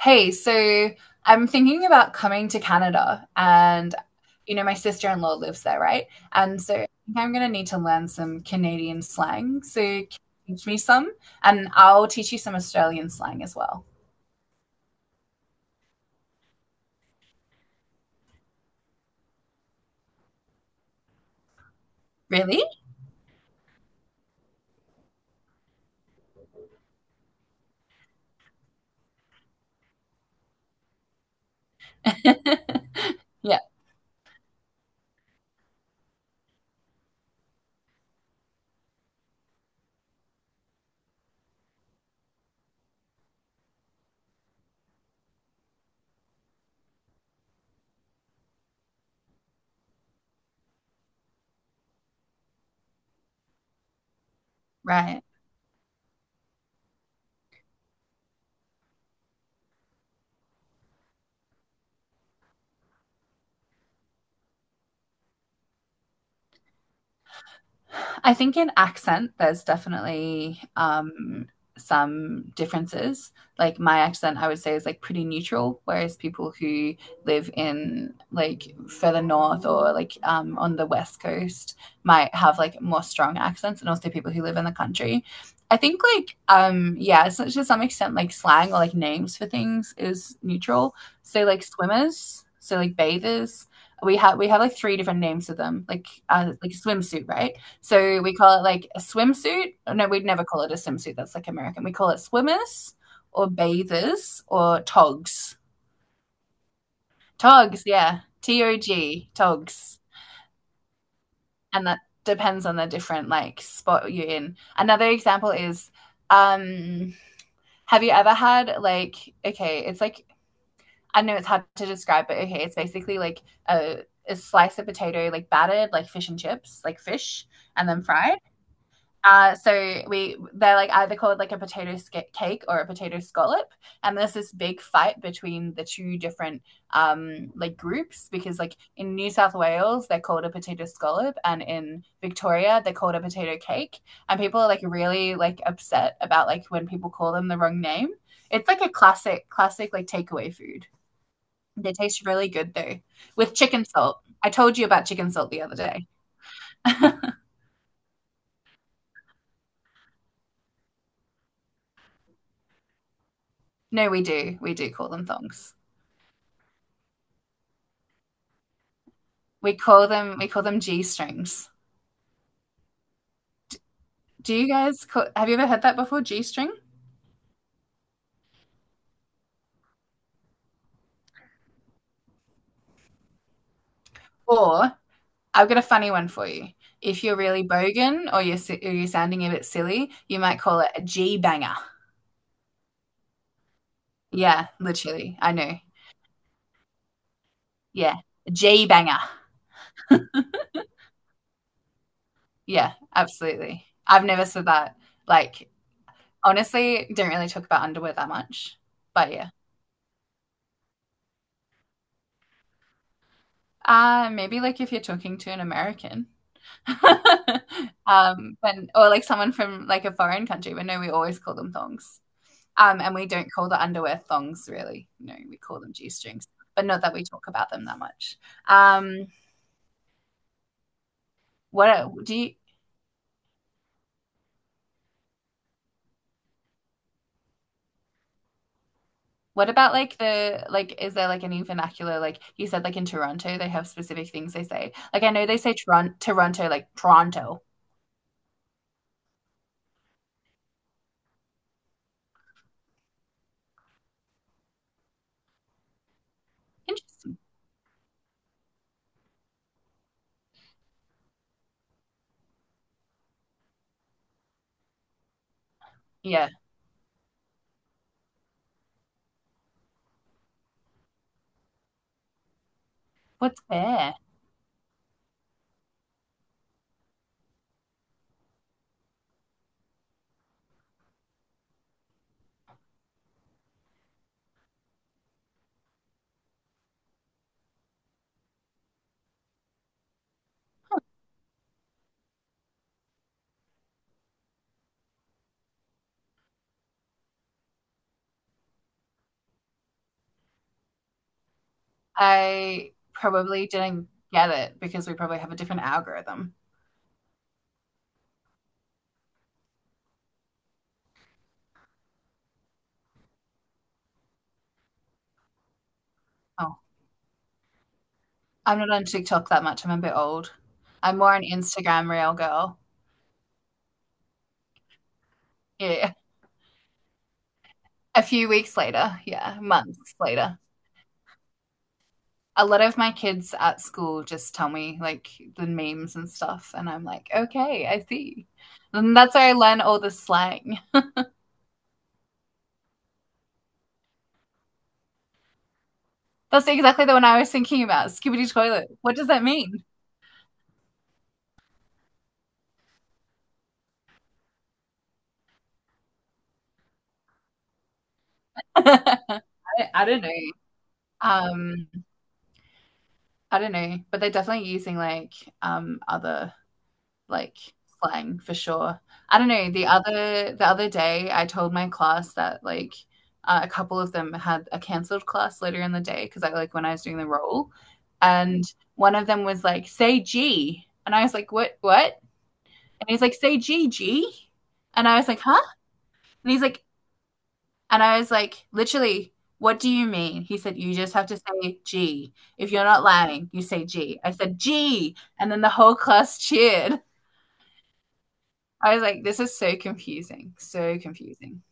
Hey, so I'm thinking about coming to Canada and you know my sister-in-law lives there, right? And so I think I'm going to need to learn some Canadian slang. So can you teach me some and I'll teach you some Australian slang as well. Really? Yeah, right. I think in accent, there's definitely some differences. Like my accent, I would say is like pretty neutral, whereas people who live in like further north or like on the west coast might have like more strong accents, and also people who live in the country. I think like yeah, so to some extent like slang or like names for things is neutral. So like swimmers, so like bathers, we have like three different names for them, like swimsuit, right? So we call it like a swimsuit. Oh, no, we'd never call it a swimsuit. That's like American. We call it swimmers or bathers or togs. Togs, yeah. TOG, togs. And that depends on the different like spot you're in. Another example is um have you ever had like okay, it's like I know it's hard to describe, but okay, it's basically like a, a slice of potato like battered like fish and chips, like fish and then fried. So we they're like either called like a potato sca- cake or a potato scallop, and there's this big fight between the two different like groups because like in New South Wales they're called a potato scallop, and in Victoria they're called a potato cake, and people are like really like upset about like when people call them the wrong name. It's like a classic like takeaway food. They taste really good though with chicken salt. I told you about chicken salt the other day. No, we do call them thongs. We call them G strings. Do you guys call, have you ever heard that before? G string? Or I've got a funny one for you. If you're really bogan or you're sounding a bit silly, you might call it a G banger. Yeah, literally. I know. Yeah, G banger. Yeah, absolutely. I've never said that. Like honestly, don't really talk about underwear that much. But yeah. Maybe like if you're talking to an American. When or like someone from like a foreign country, but no, we always call them thongs. And we don't call the underwear thongs really. No, we call them g strings, but not that we talk about them that much. Um, what do you? What about like the like? Is there like any vernacular? Like you said, like in Toronto, they have specific things they say. Like I know they say Toronto, like Toronto. Interesting. Yeah. What's there? I probably didn't get it because we probably have a different algorithm. Oh, I'm not on TikTok that much. I'm a bit old. I'm more an Instagram real girl. Yeah. A few weeks later, yeah, months later. A lot of my kids at school just tell me like the memes and stuff, and I'm like, okay, I see. And that's where I learn all the slang. That's exactly the one I was thinking about. Skibbity toilet. What does that mean? I, I don't know. Um, I don't know, but they're definitely using like other like slang for sure. I don't know. The other day, I told my class that like a couple of them had a cancelled class later in the day because I like when I was doing the role, and one of them was like, "Say G," and I was like, "What? What?" And he's like, "Say G, G," and I was like, "Huh?" And he's like, and I was like, literally. What do you mean? He said, you just have to say G. If you're not lying, you say G. I said, G. And then the whole class cheered. I was like, this is so confusing, so confusing.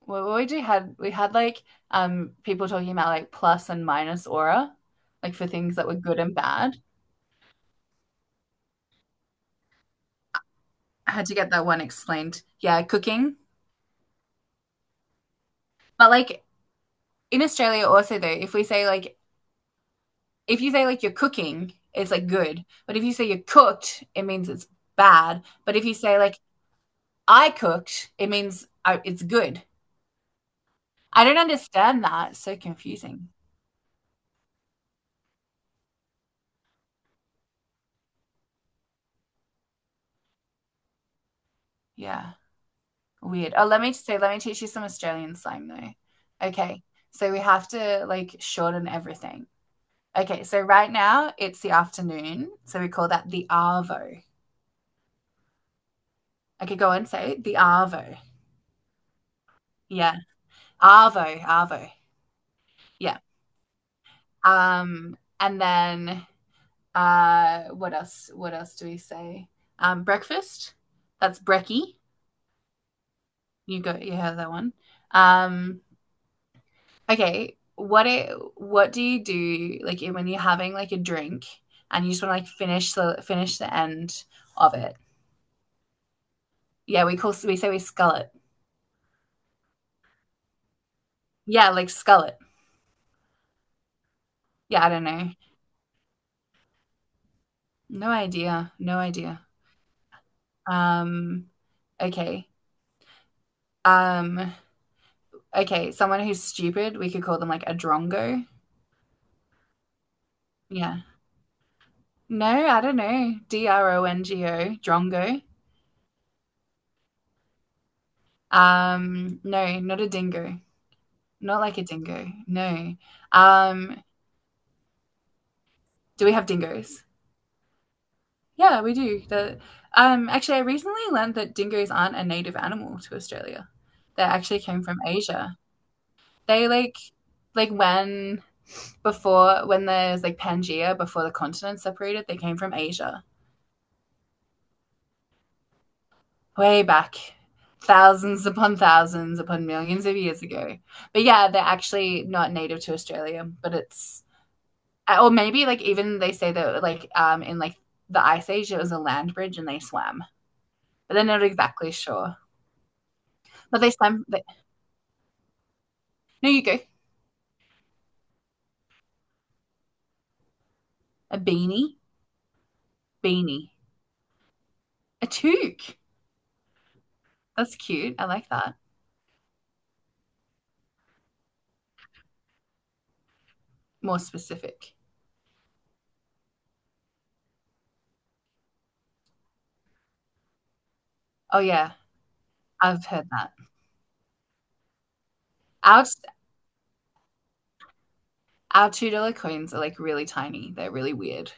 What we had like people talking about like plus and minus aura, like for things that were good and bad. I had to get that one explained. Yeah, cooking. But like in Australia also though, if you say like you're cooking, it's like good. But if you say you're cooked, it means it's bad. But if you say like I cooked, it means it's good. I don't understand that. It's so confusing. Yeah. Weird. Oh, let me teach you some Australian slang though. Okay. So we have to like shorten everything. Okay, so right now it's the afternoon, so we call that the arvo. Okay, go on, say it. The arvo. Yeah. Arvo, arvo. Yeah. And then what else? What else do we say? Breakfast. That's brekkie. You have that one. Um, Okay, what do you do like when you're having like a drink and you just want to like finish the end of it? Yeah, we say we scull it. Yeah, like scull it. Yeah, I don't know. No idea. No idea. Um, okay. Um, okay, someone who's stupid, we could call them like a drongo. Yeah. No, I don't know. drongo, drongo. No, not a dingo. Not like a dingo. No. Um, Do we have dingoes? Yeah, we do. Actually, I recently learned that dingoes aren't a native animal to Australia. They actually came from Asia. They like when there's like Pangea, before the continents separated, they came from Asia, way back, thousands upon millions of years ago. But yeah, they're actually not native to Australia. But it's or maybe like even they say that like in like the ice age it was a land bridge and they swam. They're not exactly sure. But they, some they, no, you go. A beanie. Beanie. A toque. That's cute. I like that. More specific. Oh yeah, I've heard that. Our our $2 coins are like really tiny. They're really weird.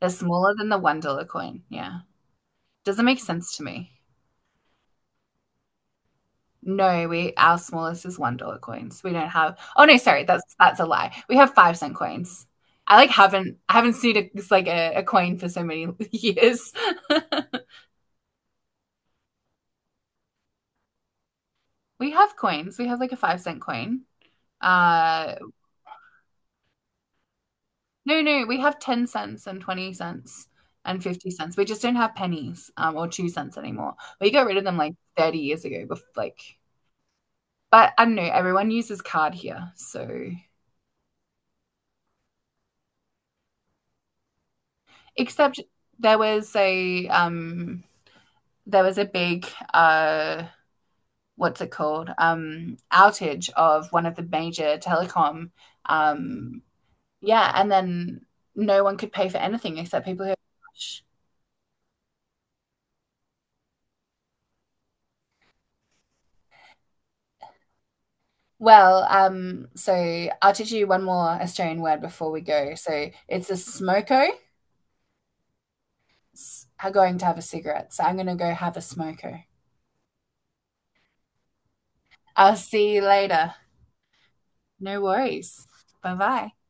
They're smaller than the $1 coin. Yeah. Doesn't make sense to me. No, we our smallest is $1 coins. We don't have, oh no, sorry, that's a lie. We have 5-cent coins. I haven't seen a, a coin for so many years. We have coins. We have like a 5-cent coin. Uh, no, no, we have 10 cents and 20 cents and 50 cents. We just don't have pennies or 2-cent anymore. We got rid of them like 30 years ago. But I don't know. Everyone uses card here. So, except there was a big uh, what's it called? Outage of one of the major telecom. Um, yeah, and then no one could pay for anything except people who had cash. Well, so I'll teach you one more Australian word before we go. So it's a smoko. Am going to have a cigarette. So I'm going to go have a smoko. I'll see you later. No worries. Bye bye.